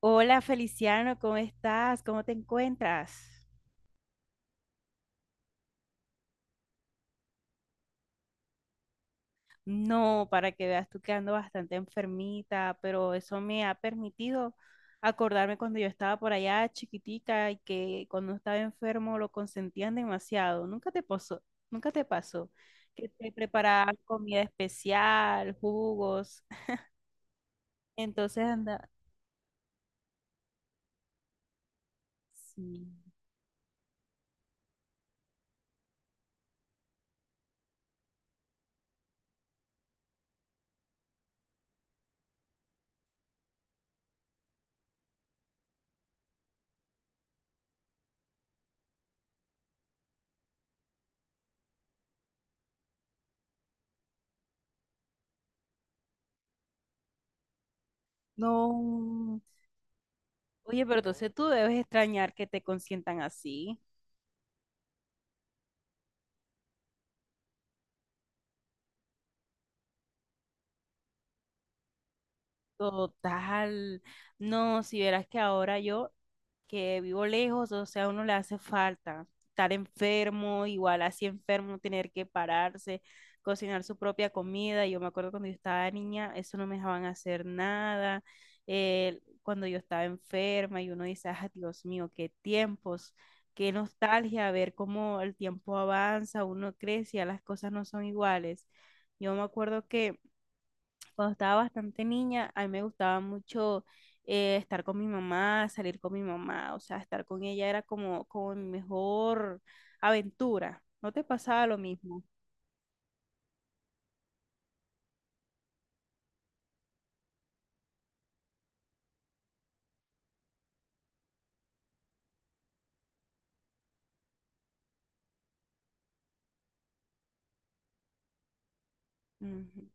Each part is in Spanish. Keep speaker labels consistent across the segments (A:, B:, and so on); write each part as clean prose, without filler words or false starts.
A: Hola Feliciano, ¿cómo estás? ¿Cómo te encuentras? No, para que veas tú que ando bastante enfermita, pero eso me ha permitido acordarme cuando yo estaba por allá chiquitica y que cuando estaba enfermo lo consentían demasiado. Nunca te pasó, nunca te pasó que te preparaban comida especial, jugos. Entonces anda, sí. No. Oye, pero entonces tú debes extrañar que te consientan así. Total. No, si verás que ahora yo que vivo lejos, o sea, a uno le hace falta estar enfermo, igual así enfermo, tener que pararse, cocinar su propia comida. Yo me acuerdo cuando yo estaba niña, eso no me dejaban hacer nada. Cuando yo estaba enferma y uno dice, ah, Dios mío, qué tiempos, qué nostalgia, ver cómo el tiempo avanza, uno crece, ya las cosas no son iguales. Yo me acuerdo que cuando estaba bastante niña, a mí me gustaba mucho estar con mi mamá, salir con mi mamá, o sea, estar con ella era como, como mi mejor aventura. ¿No te pasaba lo mismo? Ujú.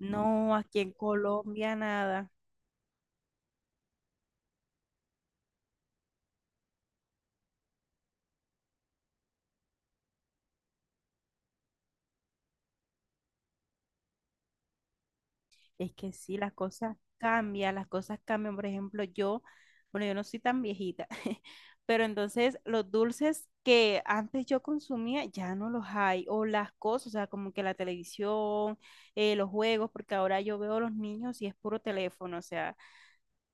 A: No, aquí en Colombia nada. Es que sí, las cosas cambian, las cosas cambian. Por ejemplo, yo, bueno, yo no soy tan viejita, pero entonces los dulces que antes yo consumía ya no los hay, o las cosas, o sea, como que la televisión, los juegos, porque ahora yo veo a los niños y es puro teléfono, o sea,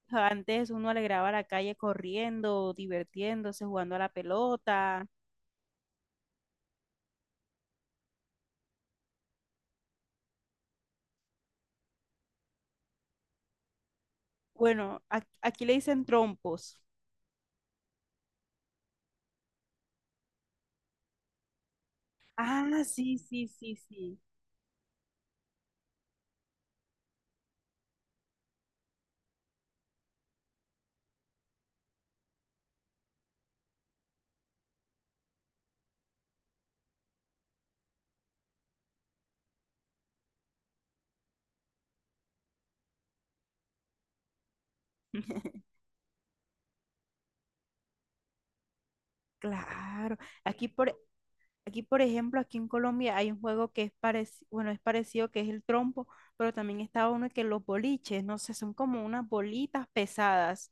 A: antes uno alegraba la calle corriendo, divirtiéndose, jugando a la pelota. Bueno, aquí le dicen trompos. Ah, sí, sí, sí, sí. Claro, aquí por, aquí, por ejemplo, aquí en Colombia hay un juego que es parecido, bueno, es parecido que es el trompo, pero también está uno que los boliches, no sé, son como unas bolitas pesadas.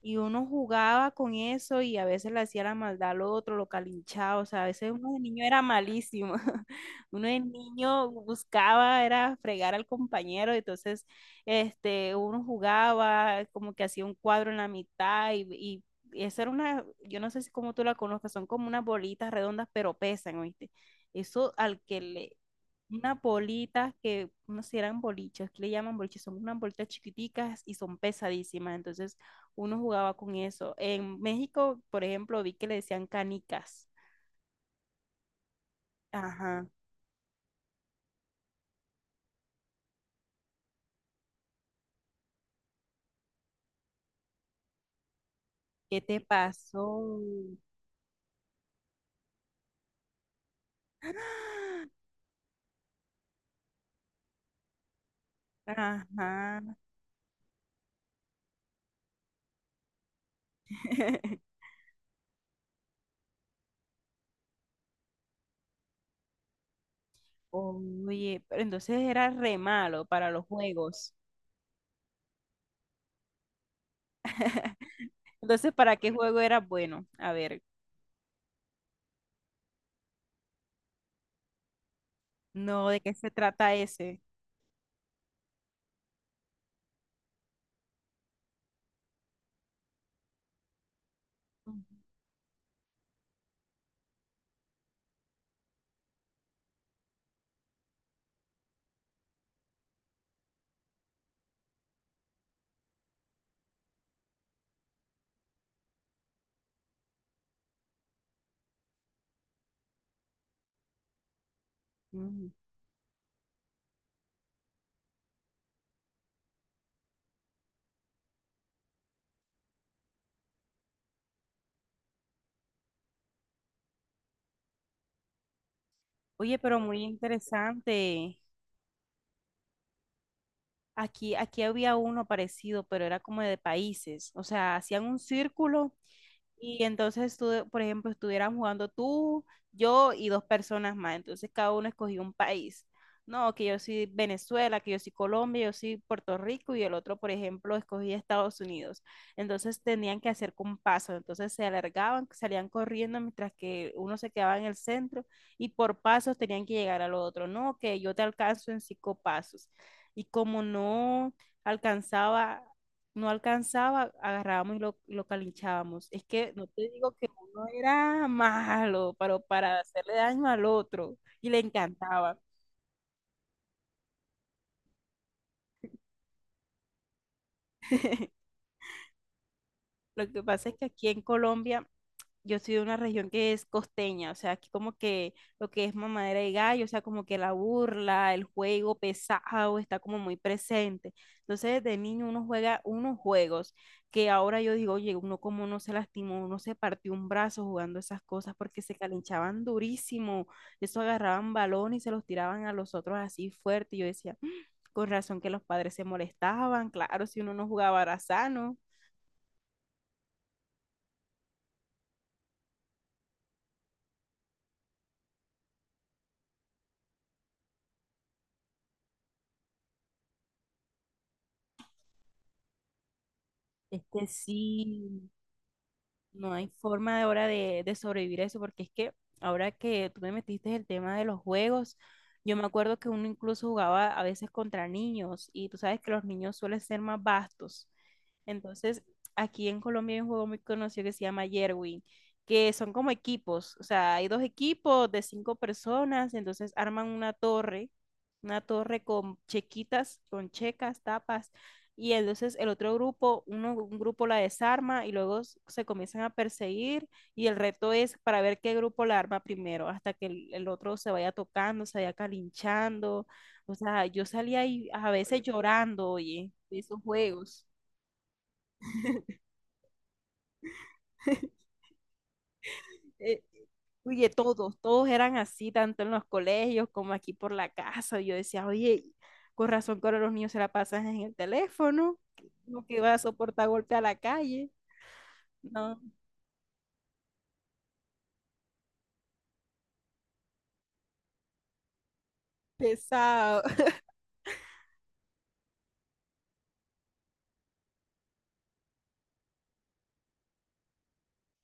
A: Y uno jugaba con eso y a veces le hacía la maldad al otro, lo calinchaba. O sea, a veces uno de niño era malísimo. Uno de niño buscaba, era fregar al compañero. Entonces, este, uno jugaba, como que hacía un cuadro en la mitad y y esa era una, yo no sé si como tú la conozcas, son como unas bolitas redondas, pero pesan, ¿oíste? Eso al que le, unas bolitas que, no sé, eran boliches, que le llaman boliches, son unas bolitas chiquiticas y son pesadísimas, entonces uno jugaba con eso. En México, por ejemplo, vi que le decían canicas. Ajá. ¿Qué te pasó? Ajá. Oye, pero entonces era re malo para los juegos. Entonces, ¿para qué juego era bueno? A ver, no, ¿de qué se trata ese? Ujú. Mm. Oye, pero muy interesante. Aquí, aquí había uno parecido, pero era como de países. O sea, hacían un círculo y entonces, tú, por ejemplo, estuvieran jugando tú, yo y dos personas más. Entonces, cada uno escogió un país. No, que yo soy Venezuela, que yo soy Colombia, yo soy Puerto Rico y el otro, por ejemplo, escogía Estados Unidos. Entonces, tenían que hacer compasos. Entonces, se alargaban, salían corriendo mientras que uno se quedaba en el centro y por pasos tenían que llegar al otro. No, que yo te alcanzo en 5 pasos. Y como alcanzaba no alcanzaba, agarrábamos y lo calinchábamos. Es que no te digo que uno era malo, pero para hacerle daño al otro y le encantaba. Lo que pasa es que aquí en Colombia yo soy de una región que es costeña, o sea, aquí como que lo que es mamadera y gallo, o sea, como que la burla, el juego pesado está como muy presente. Entonces, desde niño uno juega unos juegos que ahora yo digo, oye, uno como no se lastimó, uno se partió un brazo jugando esas cosas porque se calinchaban durísimo, eso agarraban balón y se los tiraban a los otros así fuerte. Y yo decía: "Mm, con razón que los padres se molestaban, claro, si uno no jugaba era sano." Es que sí, no hay forma de ahora de sobrevivir a eso, porque es que ahora que tú me metiste el tema de los juegos, yo me acuerdo que uno incluso jugaba a veces contra niños y tú sabes que los niños suelen ser más vastos. Entonces, aquí en Colombia hay un juego muy conocido que se llama Yerwin, que son como equipos, o sea, hay dos equipos de 5 personas, entonces arman una torre con chequitas, con checas, tapas, y entonces el otro grupo, uno, un grupo la desarma y luego se comienzan a perseguir y el reto es para ver qué grupo la arma primero, hasta que el otro se vaya tocando, se vaya calinchando, o sea, yo salía ahí a veces llorando, oye, de esos juegos. eh, Oye, todos, todos eran así, tanto en los colegios como aquí por la casa. Yo decía, oye, con razón que ahora los niños se la pasan en el teléfono, no que va a soportar golpe a la calle. No, pesado.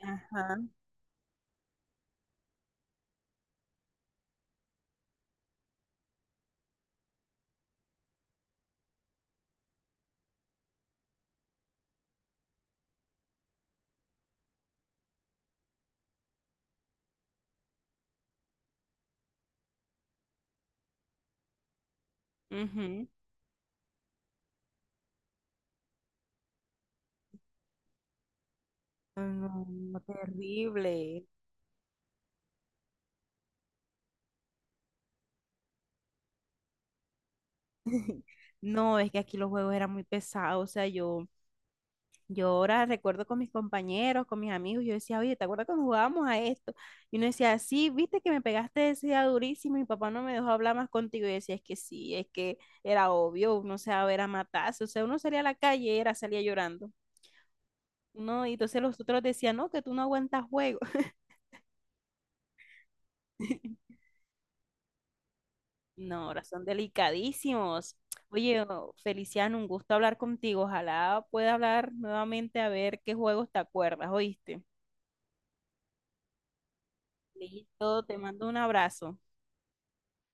A: Ajá. Ujú. No, no, terrible. No, es que aquí los juegos eran muy pesados, o sea, yo yo ahora recuerdo con mis compañeros, con mis amigos, yo decía, oye, ¿te acuerdas cuando jugábamos a esto? Y uno decía, sí, viste que me pegaste ese día durísimo y mi papá no me dejó hablar más contigo. Y yo decía, es que sí, es que era obvio, uno se va a ver a matarse, o sea, uno salía a la calle y era, salía llorando. No, y entonces los otros decían, no, que tú no aguantas juego. No, ahora son delicadísimos. Oye, oh, Feliciano, un gusto hablar contigo. Ojalá pueda hablar nuevamente a ver qué juegos te acuerdas, ¿oíste? Listo, te mando un abrazo.